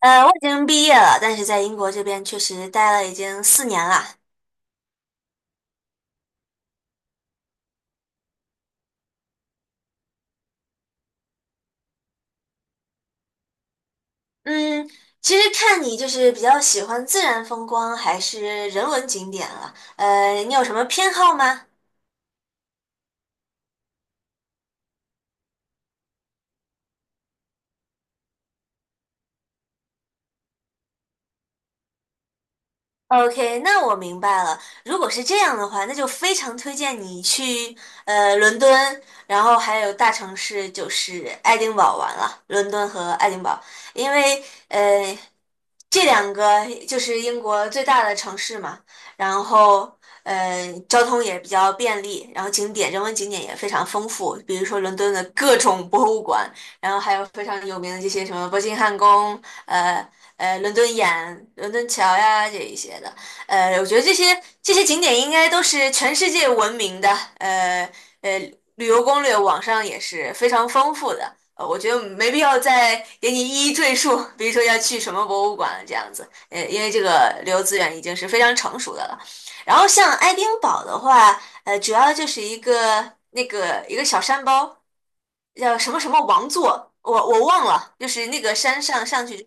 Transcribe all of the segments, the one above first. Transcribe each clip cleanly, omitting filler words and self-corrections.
我已经毕业了，但是在英国这边确实待了已经四年了。嗯，其实看你就是比较喜欢自然风光还是人文景点了。你有什么偏好吗？OK，那我明白了。如果是这样的话，那就非常推荐你去伦敦，然后还有大城市就是爱丁堡玩了，伦敦和爱丁堡，因为呃。这两个就是英国最大的城市嘛，然后交通也比较便利，然后景点人文景点也非常丰富，比如说伦敦的各种博物馆，然后还有非常有名的这些什么伯金汉宫，呃伦敦眼、伦敦桥呀这一些的，我觉得这些景点应该都是全世界闻名的，呃呃，旅游攻略网上也是非常丰富的。我觉得没必要再给你一一赘述，比如说要去什么博物馆这样子，因为这个旅游资源已经是非常成熟的了。然后像爱丁堡的话，主要就是一个那个一个小山包，叫什么什么王座，我忘了，就是那个山上上去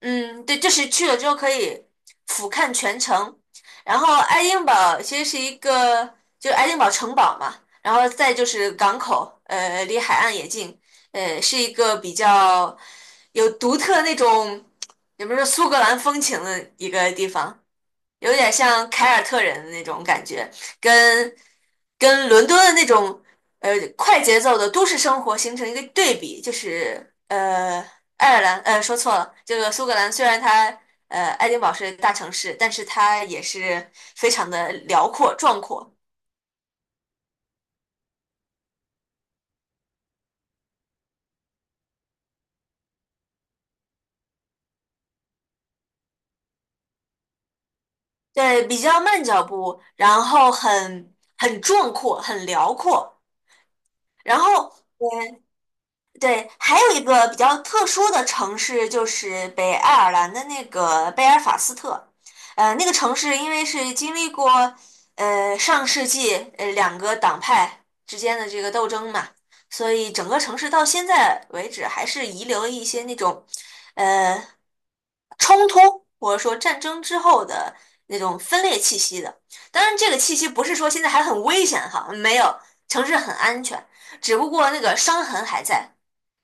嗯，对，就是去了之后可以俯瞰全城。然后爱丁堡其实是一个，就是爱丁堡城堡嘛，然后再就是港口，离海岸也近，是一个比较有独特那种，也不是苏格兰风情的一个地方。有点像凯尔特人的那种感觉，跟跟伦敦的那种呃快节奏的都市生活形成一个对比，就是爱尔兰说错了，这个苏格兰虽然它爱丁堡是大城市，但是它也是非常的辽阔壮阔，对，比较慢脚步，然后很壮阔，很辽阔，然后。对，还有一个比较特殊的城市就是北爱尔兰的那个贝尔法斯特，那个城市因为是经历过上世纪两个党派之间的这个斗争嘛，所以整个城市到现在为止还是遗留了一些那种呃冲突或者说战争之后的那种分裂气息的。当然，这个气息不是说现在还很危险哈，没有，城市很安全，只不过那个伤痕还在。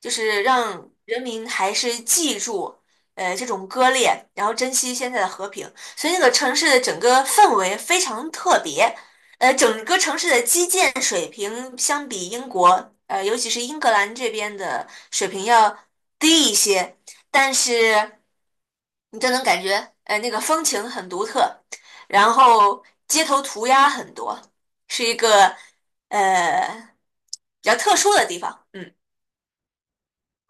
就是让人民还是记住，这种割裂，然后珍惜现在的和平。所以那个城市的整个氛围非常特别，整个城市的基建水平相比英国，尤其是英格兰这边的水平要低一些，但是你就能感觉，那个风情很独特，然后街头涂鸦很多，是一个呃比较特殊的地方，嗯。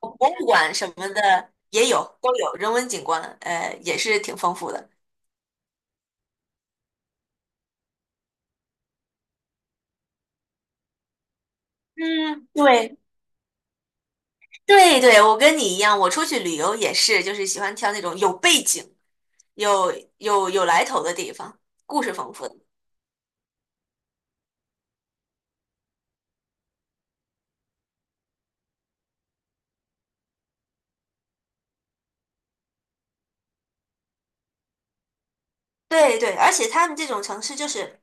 博物馆什么的也有，都有人文景观，也是挺丰富的。嗯，对，我跟你一样，我出去旅游也是，就是喜欢挑那种有背景、有有来头的地方，故事丰富的。对对，而且他们这种城市就是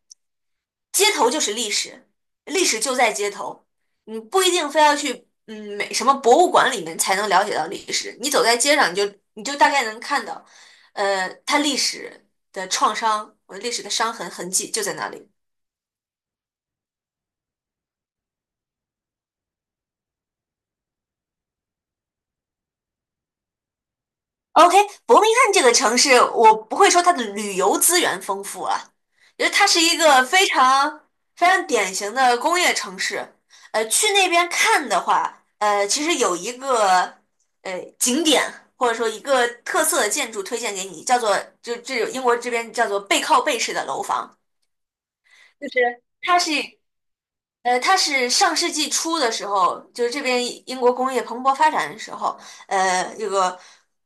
街头就是历史，历史就在街头，你不一定非要去嗯美什么博物馆里面才能了解到历史，你走在街上你就大概能看到，它历史的创伤，历史的伤痕痕迹就在那里。OK，伯明翰这个城市，我不会说它的旅游资源丰富啊，因为它是一个非常典型的工业城市。去那边看的话，其实有一个景点或者说一个特色的建筑推荐给你，叫做就这英国这边叫做背靠背式的楼房，就是它是。它是上世纪初的时候，就是这边英国工业蓬勃发展的时候，这个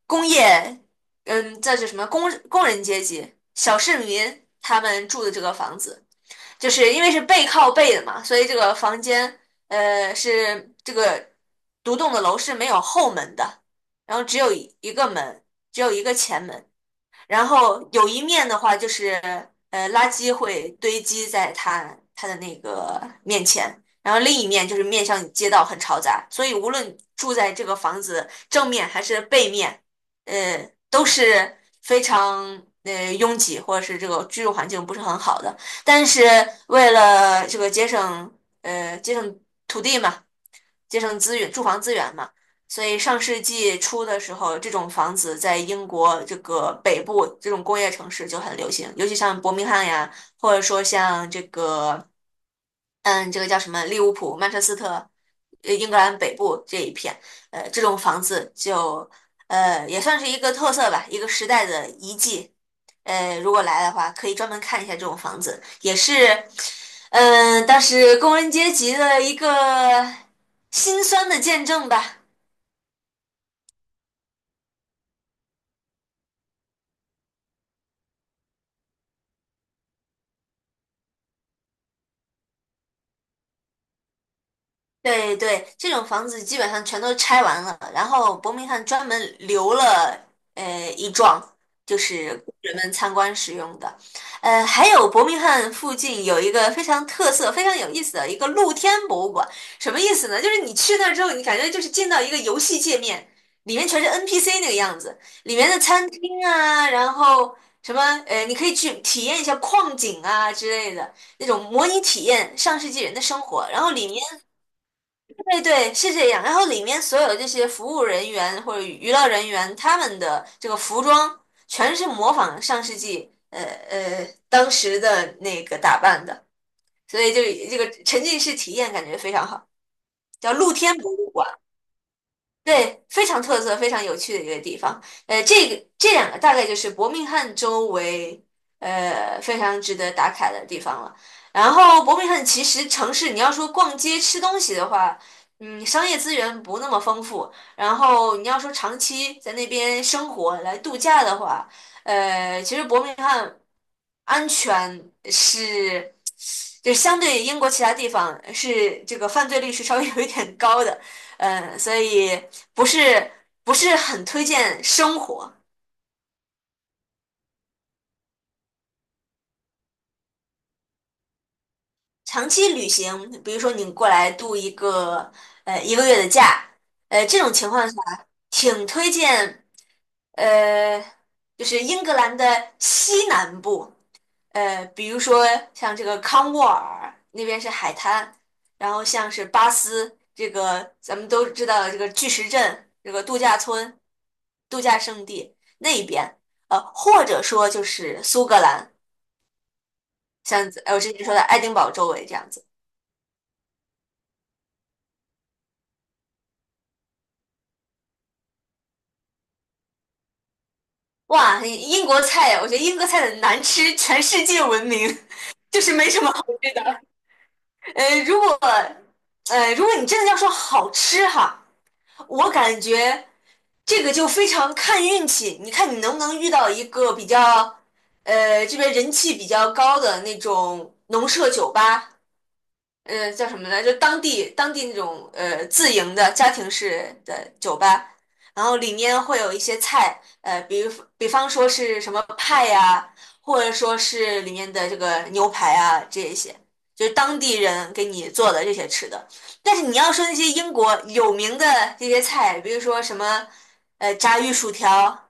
工业，嗯，这是什么工人阶级、小市民他们住的这个房子，就是因为是背靠背的嘛，所以这个房间，是这个独栋的楼是没有后门的，然后只有一个门，只有一个前门，然后有一面的话就是，垃圾会堆积在它的那个面前，然后另一面就是面向街道很嘈杂，所以无论住在这个房子正面还是背面，都是非常拥挤或者是这个居住环境不是很好的。但是为了这个节省土地嘛，节省资源、住房资源嘛。所以上世纪初的时候，这种房子在英国这个北部这种工业城市就很流行，尤其像伯明翰呀，或者说像这个嗯，这个叫什么？利物浦、曼彻斯特，英格兰北部这一片，这种房子就，也算是一个特色吧，一个时代的遗迹。如果来的话，可以专门看一下这种房子，也是，嗯、当时工人阶级的一个心酸的见证吧。对对，这种房子基本上全都拆完了，然后伯明翰专门留了一幢，就是工人们参观使用的。还有伯明翰附近有一个非常特色、非常有意思的一个露天博物馆，什么意思呢？就是你去那儿之后，你感觉就是进到一个游戏界面，里面全是 NPC 那个样子，里面的餐厅啊，然后什么你可以去体验一下矿井啊之类的。那种模拟体验上世纪人的生活，然后里面对对，是这样。然后里面所有的这些服务人员或者娱乐人员，他们的这个服装全是模仿上世纪当时的那个打扮的，所以就这个沉浸式体验感觉非常好，叫露天博物馆。对，非常特色、非常有趣的一个地方。这个这两个大概就是伯明翰周围，非常值得打卡的地方了。然后，伯明翰其实城市，你要说逛街吃东西的话，嗯，商业资源不那么丰富。然后，你要说长期在那边生活来度假的话，其实伯明翰安全是，就相对英国其他地方是这个犯罪率是稍微有一点高的。嗯，所以不是不是很推荐生活。长期旅行，比如说你过来度一个一个月的假，这种情况下，挺推荐呃就是英格兰的西南部，比如说像这个康沃尔那边是海滩，然后像是巴斯这个咱们都知道的这个巨石阵，这个度假村、度假胜地那一边，或者说就是苏格兰，像我之前说的爱丁堡周围这样子。哇，英国菜，我觉得英国菜的难吃全世界闻名，就是没什么好吃的。呃，如果如果你真的要说好吃哈，我感觉。这个就非常看运气，你看你能不能遇到一个比较，这边人气比较高的那种农舍酒吧。叫什么来着？当地那种自营的家庭式的酒吧，然后里面会有一些菜，比方说是什么派呀、或者说是里面的这个牛排啊这一些，就是当地人给你做的这些吃的。但是你要说那些英国有名的这些菜，比如说什么炸鱼薯条，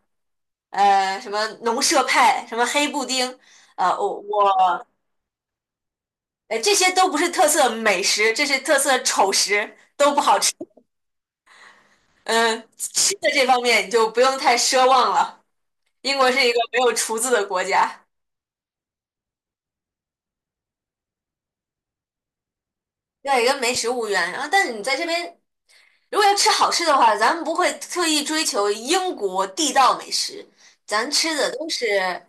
什么农舍派，什么黑布丁。呃，我我哎，这些都不是特色美食，这是特色丑食，都不好吃。嗯，吃的这方面你就不用太奢望了。英国是一个没有厨子的国家，对，跟个没食物园。然后，但是你在这边，如果要吃好吃的话，咱们不会特意追求英国地道美食，咱吃的都是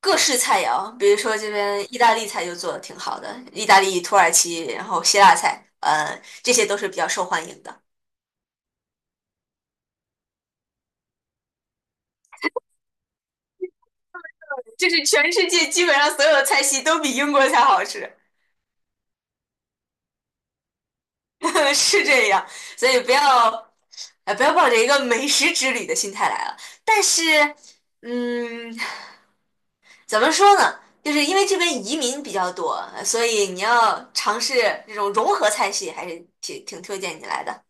各式菜肴。比如说这边意大利菜就做的挺好的，意大利、土耳其，然后希腊菜，这些都是比较受欢迎的。就是全世界基本上所有的菜系都比英国菜好吃，是这样，所以不要，不要抱着一个美食之旅的心态来了。但是，嗯，怎么说呢？就是因为这边移民比较多，所以你要尝试这种融合菜系，还是挺推荐你来的。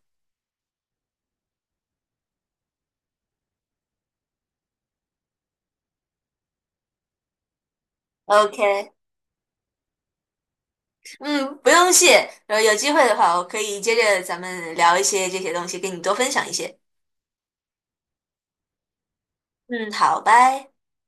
OK，嗯，不用谢。有机会的话，我可以接着咱们聊一些这些东西，跟你多分享一些。嗯，好，拜。